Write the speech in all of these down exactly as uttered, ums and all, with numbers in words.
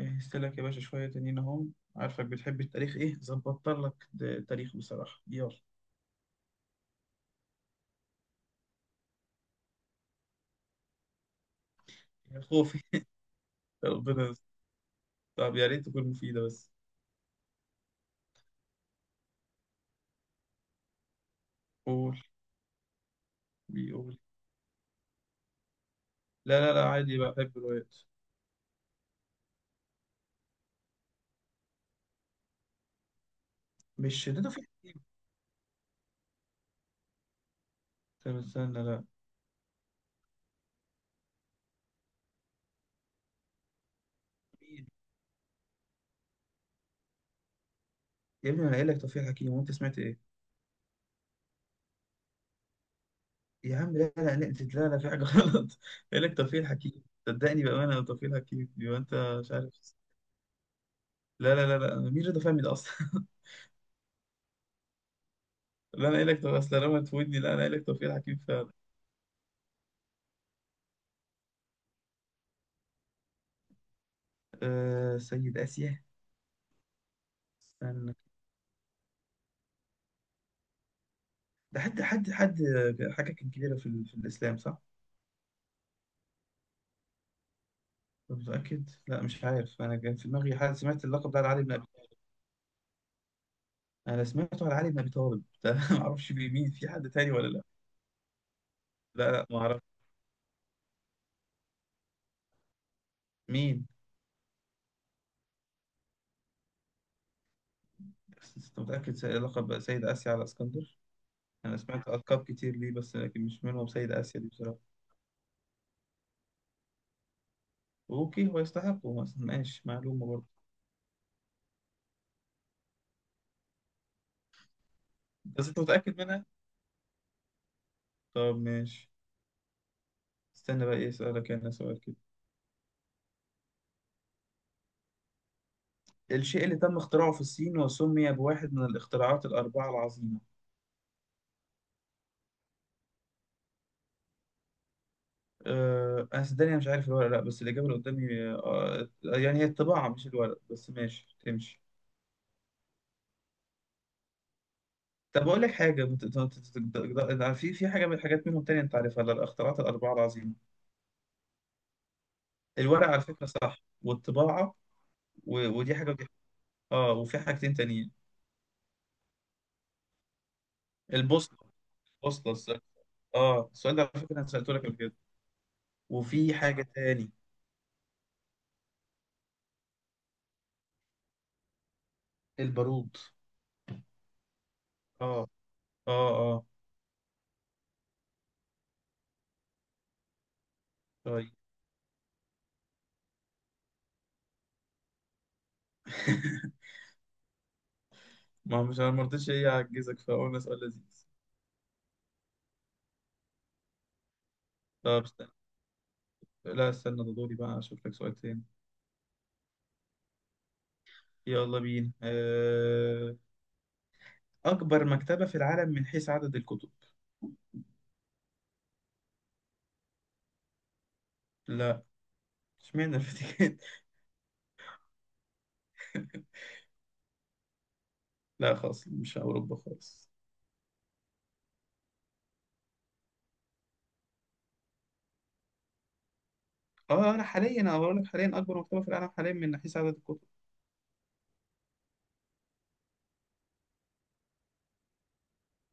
جهزت لك يا باشا شوية تانيين أهم عارفك بتحب التاريخ، إيه ظبطت لك د- تاريخ بصراحة. يلا يا خوفي. ربنا يستر. طب يا ريت تكون مفيدة بس. قول. بيقول لا لا لا عادي بقى، بحب الروايات. مش شدته في حكيم؟ طب استنى، لا. مين؟ يا ابني أنا قايل لك توفيق حكيم وأنت سمعت إيه؟ يا عم لا لا لا لا لا، في حاجة غلط. قايل لك توفيق حكيم، صدقني بأمانة توفيق حكيم، يبقى أنت مش عارف. لا لا لا لا، مين رضا فهمي ده أصلا؟ لا أنا قايل لك، طب أصل لما تفوتني، لا أنا قايل لك توفيق حكيم فعلا. آه، سيد آسيا. استنى، ده حد حد حد آه، حاجة كان كبيرة في, ال- في الإسلام صح؟ أنا متأكد؟ لا مش عارف، أنا كان في دماغي حد سمعت اللقب ده على علي بن أبي. أنا سمعته على علي بن أبي طالب ده، ما أعرفش مين، في حد تاني ولا لا. لا لا، ما أعرف. مين؟ بس أنت متأكد سي- لقب سيد آسيا على اسكندر؟ أنا سمعت ألقاب كتير ليه بس لكن مش منهم سيد آسيا دي بصراحة. أوكي، هو يستحقه مثلا، ماشي معلومة برضه. بس أنت متأكد منها؟ طب ماشي. استنى بقى، إيه أسألك أنا سؤال كده. الشيء اللي تم اختراعه في الصين وسمي بواحد من الاختراعات الأربعة العظيمة. أه أنا صدقني أنا مش عارف الورق لأ، بس الإجابة اللي قدامي أه يعني هي الطباعة مش الورق، بس ماشي تمشي. طب أقول لك حاجة بت- ت- ت- ت- في في حاجة من الحاجات منهم تانية أنت عارفها، الاختراعات الأربعة العظيمة؟ الورق على فكرة صح، والطباعة. و- ودي حاجة ودي حاجة. آه وفي حاجتين تانيين. البوصلة. البوصلة الس- آه السؤال ده على فكرة أنا سألته لك قبل كده. وفي حاجة تاني. البارود. آه آه آه. طيب ما مش انا ما رضيتش، ايه اعجزك فقلنا سؤال لذيذ. طب استنى، لا استنى، ده دوري بقى اشوف لك سؤال تاني. يلا بينا أه... اكبر مكتبة في العالم من حيث عدد الكتب. لا. اشمعنى الفاتيكان؟ لا خالص، مش اوروبا خالص. اه لا، حاليا انا بقول لك حاليا اكبر مكتبة في العالم حاليا من حيث عدد الكتب.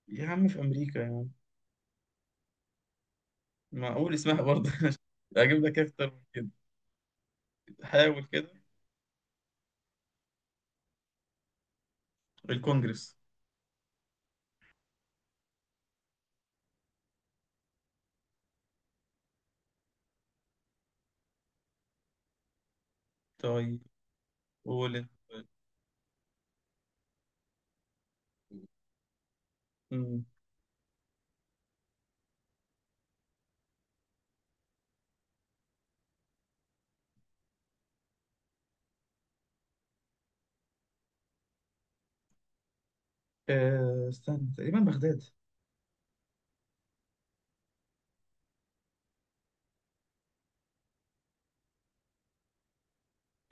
يا عم في امريكا يعني. معقول اسمها برضه. اجيب لك إيه اكتر من كده؟ حاول كده. الكونجرس. طيب قول انت. مم. أه... استنى، تقريبا بغداد.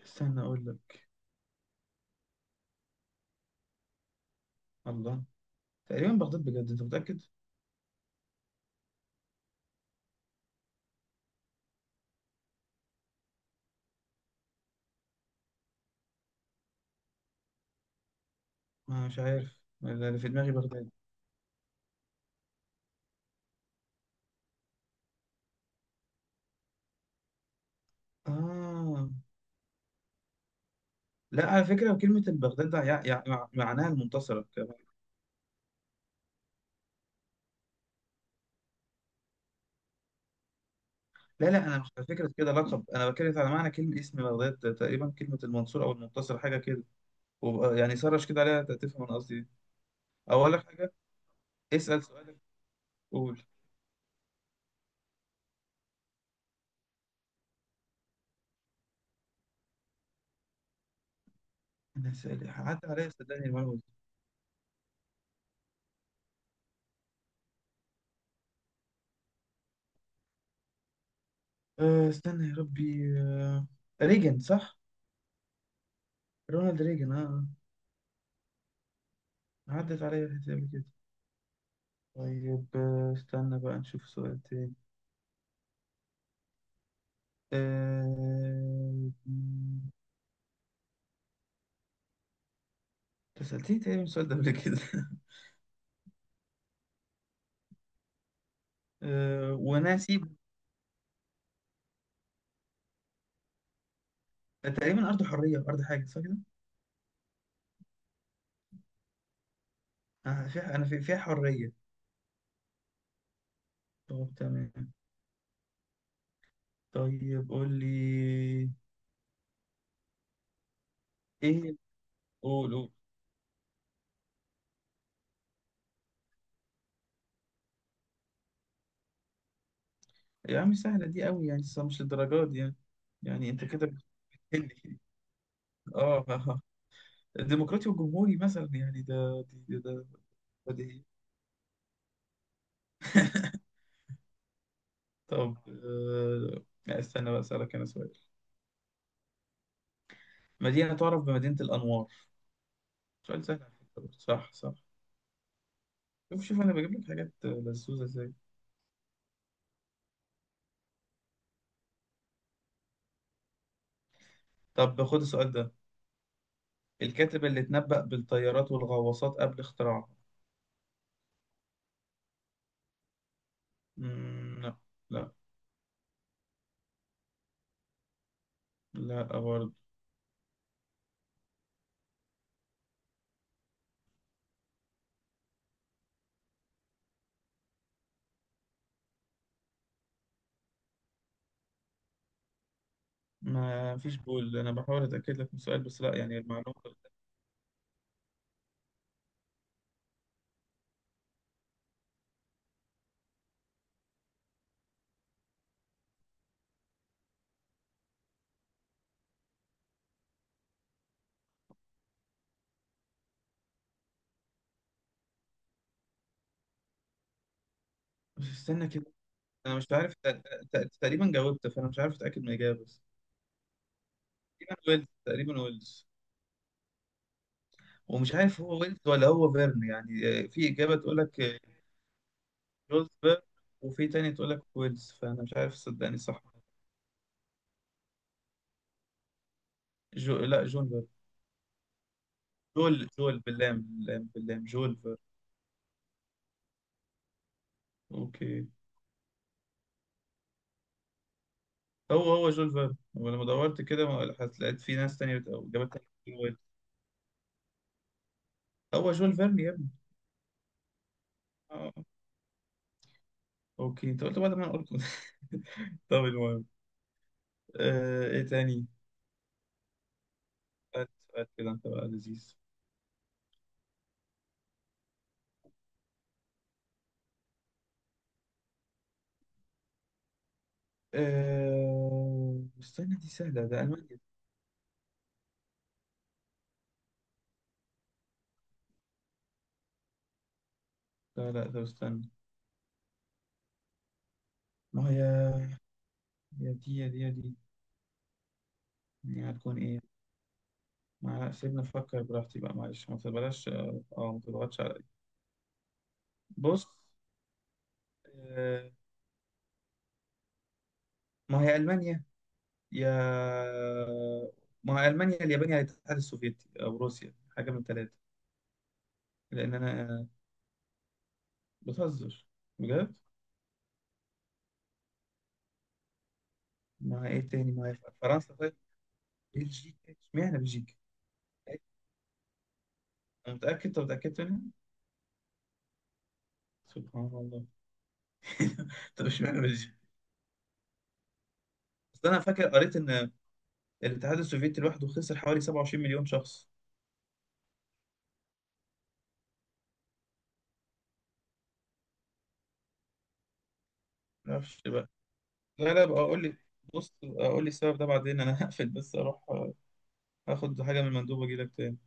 استنى اقول لك. الله. تقريبا بغداد، بجد انت متأكد؟ آه مش عارف، اللي في دماغي بغداد. اه لا على فكرة كلمة البغداد ده يع... يع... مع- معناها المنتصرة كمان. لا لا، انا مش على فكرة كده لقب، انا بتكلم على معنى كلمة اسم بغداد تقريبا كلمة المنصور او المنتصر حاجة كده. وبقى يعني سرش كده عليها تفهم انا قصدي ايه. او اقول لك حاجة. اسأل سؤالك. قول. انا سأل عدى عليا صدقني المعلومة دي. آه استنى، يا ربي آه... ريجن صح؟ رونالد ريجن اه آه. عدت عليا الحتة دي قبل كده. طيب آه، استنى بقى نشوف سؤال تاني. أه... أنت سألتني تاني من السؤال ده قبل كده. أه... وناسيب. تقريبا أرض حرية، أرض حاجة، صح كده؟ أنا فيها أنا في- فيها حرية. طب تمام. طيب قول لي. إيه؟ قول قول. يا عم سهلة دي أوي يعني، بس مش للدرجات دي يعني. يعني أنت كده بتحل. آه آه. آه. الديمقراطي والجمهوري مثلا يعني، ده دي ده ده. بديهي. طب أه... لا، استنى بقى أسألك أنا سؤال. مدينة تعرف بمدينة الأنوار. سؤال سهل على فكرة برضه. صح صح. شوف شوف أنا بجيب لك حاجات لذوذة إزاي. طب خد السؤال ده. الكاتب اللي اتنبأ بالطيارات والغواصات قبل اختراعها. مم، لا. لا لا برضه. ما فيش بول، أنا بحاول أتأكد لك من السؤال بس، لا يعني المعلومة. بس استنى كده. أنا مش عارف، تق- تق- تقريبا جاوبت فأنا مش عارف أتأكد من الإجابة بس. تقريبا ويلز، تقريبا ويلز. ومش عارف هو ويلز ولا هو فيرن يعني، آه، في إجابة تقول لك جوزبرج، وفي تاني تقول لك ويلز، فانا مش عارف صدقني صح. جو لا جونفر. جول جول باللام باللام باللام جولفر. اوكي. هو هو جولفر، ولما دورت كده ما لحقت- لقيت في ناس تانية بت- أو جابت تانية بتقول ويلز. هو جول فيرن يا ابني. اه اوكي، انت قلت بعد ما انا قلت. طب المهم. آه ايه تاني. سؤال سؤال كده انت بقى لذيذ. آه استنى، دي سهلة، ده ألمانيا. لا لا، طب استنى. ما هي. يا دي يا دي يا دي. يعني هتكون ايه؟ ما سيبني افكر براحتي بقى، معلش ما تبلاش اه آه، ما تضغطش عليا. بص. آه، ما هي المانيا. يا ما هي المانيا، اليابان، يا الاتحاد السوفيتي او روسيا، حاجه من الثلاثه. لان انا آه، بتهزر؟ بجد. ما هي ايه تاني، ما هي فرنسا طيب. بلجيكا؟ اشمعنى بلجيكا؟ أنا متاكد؟ طب متاكد منها؟ سبحان الله. طب اشمعنى بلجيكا؟ اصل انا فاكر قريت ان الاتحاد السوفيتي لوحده خسر حوالي سبعة وعشرين مليون شخص. ما اعرفش. لا لا بقى، اقول لي. بص اقول لي السبب ده بعدين، انا هقفل بس اروح آه، اخد حاجة من المندوب واجي لك تاني.